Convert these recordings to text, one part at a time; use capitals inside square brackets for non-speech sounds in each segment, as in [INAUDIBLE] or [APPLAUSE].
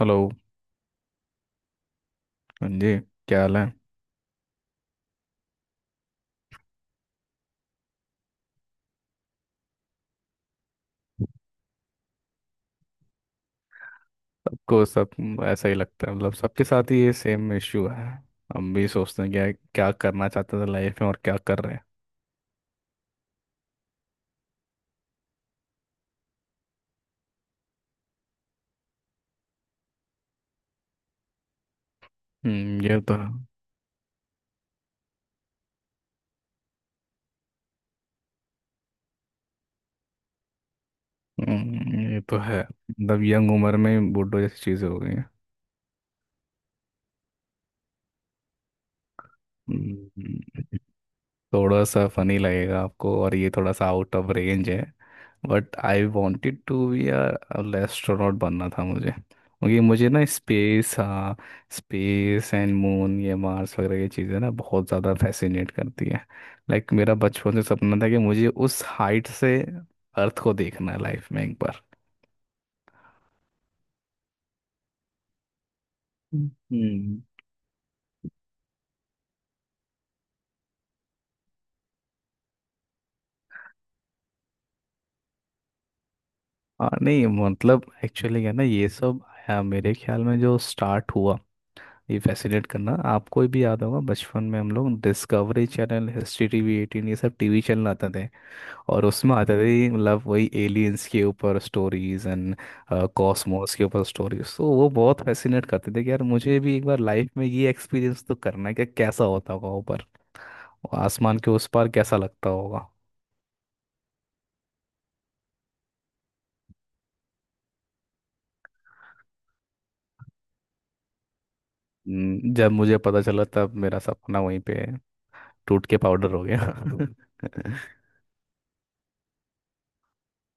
Hello. हाँ जी। क्या हाल है? सबको सब ऐसा ही लगता है, मतलब सबके साथ ही ये सेम इश्यू है। हम भी सोचते हैं क्या क्या करना चाहते थे लाइफ में और क्या कर रहे हैं। हम्म, ये तो ये तो है मतलब यंग उम्र में बूढ़ों जैसी चीज़ें हो गई हैं। हम्म। थोड़ा सा फनी लगेगा आपको, और ये थोड़ा सा आउट ऑफ रेंज है। But I wanted to be a astronaut, बनना था मुझे क्योंकि मुझे ना स्पेस, हाँ। स्पेस एंड मून, ये मार्स वगैरह, ये चीज़ें ना बहुत ज़्यादा फैसिनेट करती है। लाइक मेरा बचपन से सपना था कि मुझे उस हाइट से अर्थ को देखना है लाइफ में एक बार। हम्म। हाँ, नहीं मतलब एक्चुअली क्या है ना, ये सब मेरे ख्याल में जो स्टार्ट हुआ ये फैसिनेट करना, आपको भी याद होगा बचपन में हम लोग Discovery channel, history TV eighteen, ये सब टीवी चैनल आते थे। और उसमें आते थे मतलब वही एलियंस के ऊपर स्टोरीज एंड कॉस्मोस के ऊपर स्टोरीज, तो वो बहुत फैसिनेट करते थे कि यार मुझे भी एक बार लाइफ में ये एक्सपीरियंस तो करना है कि कैसा होता होगा ऊपर और आसमान के उस पार कैसा लगता होगा। जब मुझे पता चला तब मेरा सपना वहीं पे टूट के पाउडर हो गया। [LAUGHS]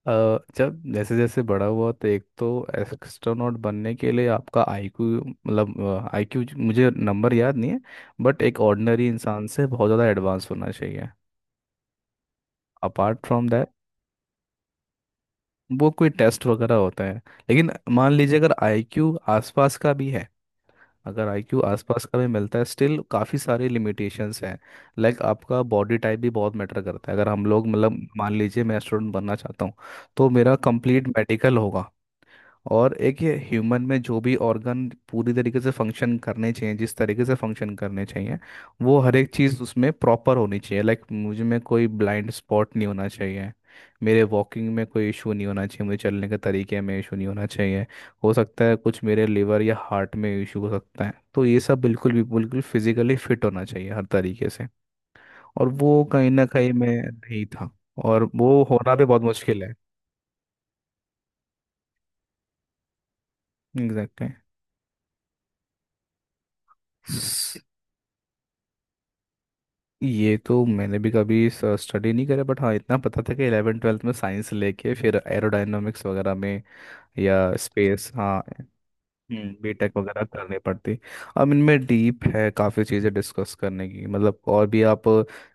अ, जब जैसे जैसे बड़ा हुआ तो एक तो एस्ट्रोनॉट बनने के लिए आपका आईक्यू, मतलब आईक्यू मुझे नंबर याद नहीं है, बट एक ऑर्डिनरी इंसान से बहुत ज़्यादा एडवांस होना चाहिए। अपार्ट फ्रॉम दैट वो कोई टेस्ट वगैरह होता है, लेकिन मान लीजिए अगर आईक्यू आसपास का भी है अगर आईक्यू आसपास का भी मिलता है स्टिल काफ़ी सारे लिमिटेशंस हैं। लाइक आपका बॉडी टाइप भी बहुत मैटर करता है। अगर हम लोग, मतलब मान लीजिए मैं एस्ट्रोनॉट बनना चाहता हूँ, तो मेरा कंप्लीट मेडिकल होगा। और एक ये ह्यूमन में जो भी ऑर्गन पूरी तरीके से फंक्शन करने चाहिए जिस तरीके से फंक्शन करने चाहिए, वो हर एक चीज़ उसमें प्रॉपर होनी चाहिए। लाइक मुझे में कोई ब्लाइंड स्पॉट नहीं होना चाहिए, मेरे वॉकिंग में कोई इशू नहीं होना चाहिए, मुझे चलने के तरीके में इशू नहीं होना चाहिए। हो सकता है कुछ मेरे लिवर या हार्ट में इशू हो सकता है, तो ये सब बिल्कुल भी, बिल्कुल फिजिकली फिट होना चाहिए हर तरीके से। और वो कहीं ना कहीं मैं नहीं था, और वो होना भी बहुत मुश्किल है। एग्जैक्टली। ये तो मैंने भी कभी स्टडी नहीं करा, बट हाँ इतना पता था कि 11 ट्वेल्थ में साइंस लेके फिर एरोडायनामिक्स वगैरह में, या स्पेस, हाँ, बीटेक वगैरह करनी पड़ती। अब इनमें डीप है काफ़ी चीज़ें डिस्कस करने की, मतलब और भी आप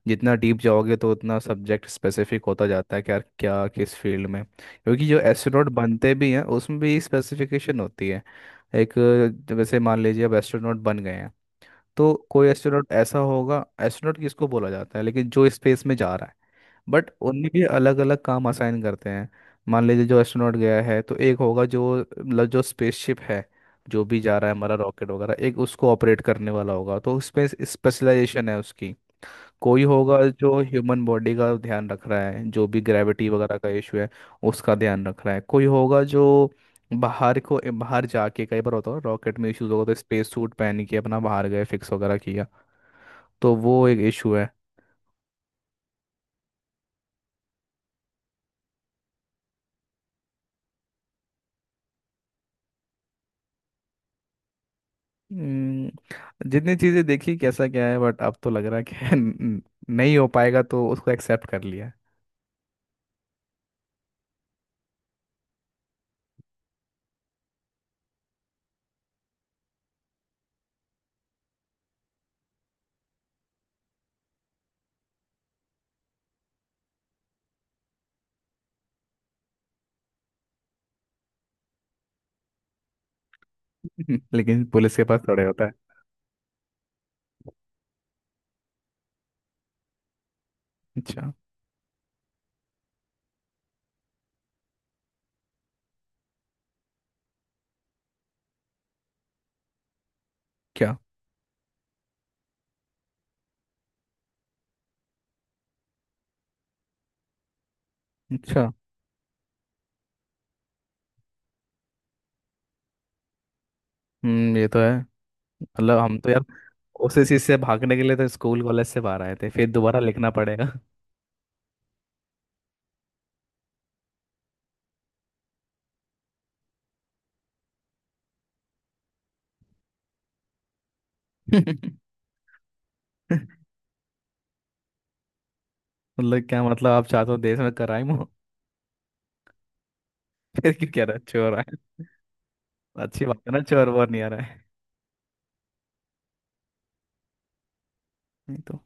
जितना डीप जाओगे तो उतना सब्जेक्ट स्पेसिफिक होता जाता है कि यार क्या किस फील्ड में, क्योंकि जो एस्ट्रोनॉट बनते भी हैं उसमें भी स्पेसिफिकेशन होती है। एक, जैसे मान लीजिए अब एस्ट्रोनॉट बन गए हैं, तो कोई एस्ट्रोनॉट ऐसा होगा, एस्ट्रोनॉट किसको बोला जाता है लेकिन जो स्पेस में जा रहा है, बट उनमें भी अलग अलग काम असाइन करते हैं। मान लीजिए जो एस्ट्रोनॉट गया है, तो एक होगा जो मतलब जो स्पेसशिप है, जो भी जा रहा है हमारा रॉकेट वगैरह, एक उसको ऑपरेट करने वाला होगा, तो स्पेस स्पेशलाइजेशन है उसकी। कोई होगा जो ह्यूमन बॉडी का ध्यान रख रहा है, जो भी ग्रेविटी वगैरह का इशू है उसका ध्यान रख रहा है। कोई होगा जो बाहर जाके, कई बार होता है रॉकेट में इश्यूज होगा, तो स्पेस सूट पहन के अपना बाहर गए फिक्स वगैरह किया। तो वो एक इशू है। जितनी चीजें देखी कैसा क्या है, बट अब तो लग रहा है कि [LAUGHS] नहीं हो पाएगा, तो उसको एक्सेप्ट कर लिया है। [LAUGHS] लेकिन पुलिस के पास थोड़े होता है। अच्छा। क्या? अच्छा। ये तो है, मतलब हम तो यार उसी चीज से भागने के लिए तो स्कूल कॉलेज से बाहर आए थे, फिर दोबारा लिखना पड़ेगा। [LAUGHS] मतलब क्या? मतलब आप चाहते हो देश में क्राइम हो? [LAUGHS] फिर क्यों कह रहा है चोर आए? अच्छी बात है ना, चोर वोर नहीं आ रहा है। नहीं तो।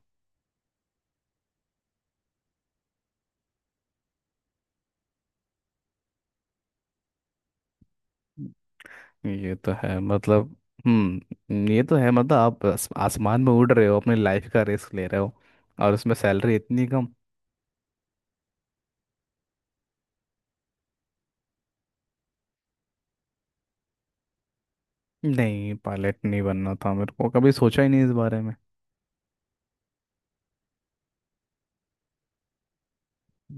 ये तो है मतलब ये तो है मतलब आप आसमान में उड़ रहे हो, अपनी लाइफ का रिस्क ले रहे हो, और उसमें सैलरी इतनी कम। नहीं, पायलट नहीं बनना था, मेरे को कभी सोचा ही नहीं इस बारे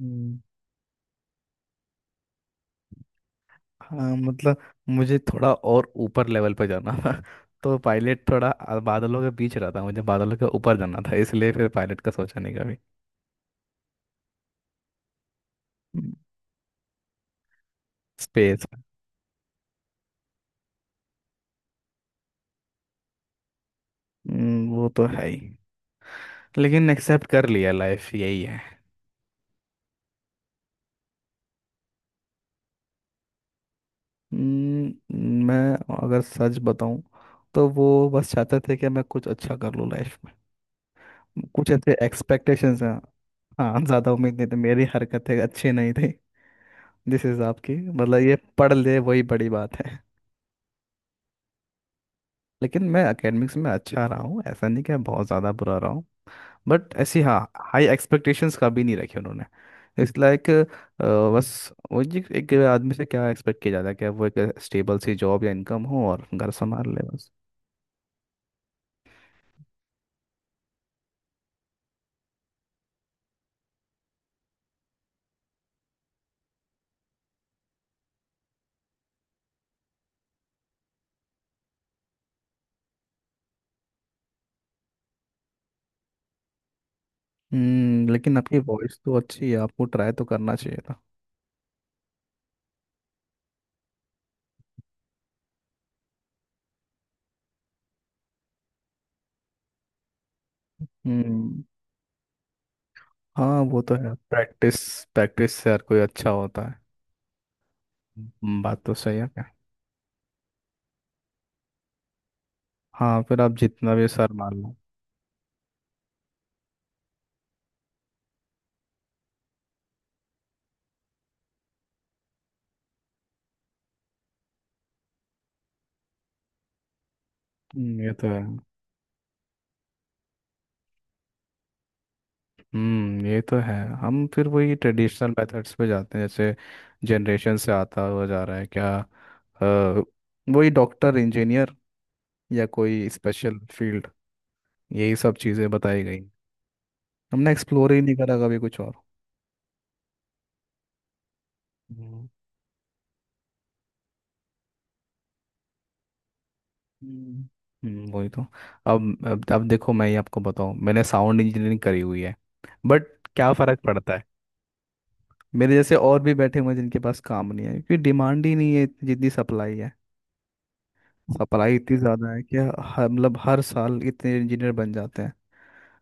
में। हाँ मतलब मुझे थोड़ा और ऊपर लेवल पर जाना था। [LAUGHS] तो पायलट थोड़ा बादलों के बीच रहा था, मुझे बादलों के ऊपर जाना था, इसलिए फिर पायलट का सोचा नहीं कभी। स्पेस। वो तो है ही, लेकिन एक्सेप्ट कर लिया, लाइफ यही है। मैं, अगर सच बताऊं, तो वो बस चाहते थे कि मैं कुछ अच्छा कर लूँ लाइफ में। कुछ ऐसे एक्सपेक्टेशंस हैं। हाँ, ज़्यादा उम्मीद नहीं थी, मेरी हरकतें अच्छी नहीं थी जिस हिसाब की, मतलब ये पढ़ ले वही बड़ी बात है। लेकिन मैं एकेडमिक्स में अच्छा रहा हूँ, ऐसा नहीं कि मैं बहुत ज़्यादा बुरा रहा हूँ, बट ऐसी, हाँ, हाई एक्सपेक्टेशंस कभी नहीं रखी उन्होंने। इस लाइक, बस, वो जी एक आदमी से क्या एक्सपेक्ट किया जाता है कि वो एक स्टेबल सी जॉब या इनकम हो और घर संभाल ले, बस। लेकिन आपकी वॉइस तो अच्छी है, आपको ट्राई तो करना चाहिए था। हम्म। हाँ, वो तो है, प्रैक्टिस, प्रैक्टिस से हर कोई अच्छा होता है। बात तो सही है क्या? हाँ, फिर आप जितना भी सर मान लो। हम्म, ये तो है ये तो है, हम फिर वही ट्रेडिशनल मेथड्स पे जाते हैं जैसे जनरेशन से आता हुआ जा रहा है क्या, वही डॉक्टर इंजीनियर या कोई स्पेशल फील्ड, यही सब चीज़ें बताई गई। हमने एक्सप्लोर ही नहीं करा कभी कुछ और। हम्म। हम्म। वही तो। अब देखो, मैं ही आपको बताऊं, मैंने साउंड इंजीनियरिंग करी हुई है, बट क्या फ़र्क पड़ता है। मेरे जैसे और भी बैठे हुए हैं जिनके पास काम नहीं है, क्योंकि डिमांड ही नहीं है जितनी सप्लाई है। सप्लाई इतनी ज़्यादा है कि हर, मतलब हर साल इतने इंजीनियर बन जाते हैं,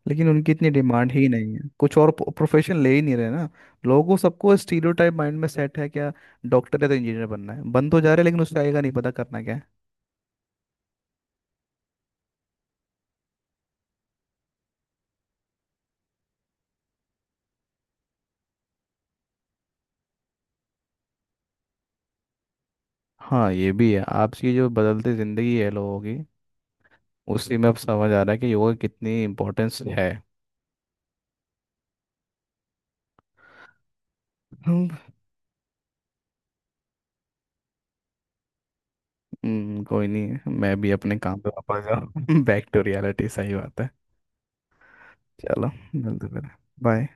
लेकिन उनकी इतनी डिमांड ही नहीं है। कुछ और प्रोफेशन ले ही नहीं रहे ना लोगों को, सबको स्टीरियोटाइप माइंड में सेट है क्या, डॉक्टर या तो इंजीनियर बनना है, बन तो जा रहे हैं, लेकिन उससे आएगा नहीं पता करना क्या है। हाँ, ये भी है, आपकी जो बदलती ज़िंदगी है लोगों की, उसी में अब समझ आ रहा है कि योगा की कितनी इम्पोर्टेंस है। हम्म। कोई नहीं, मैं भी अपने काम पे वापस जाऊँ। [LAUGHS] बैक टू रियलिटी, सही बात है। चलो, मिलते फिर। बाय।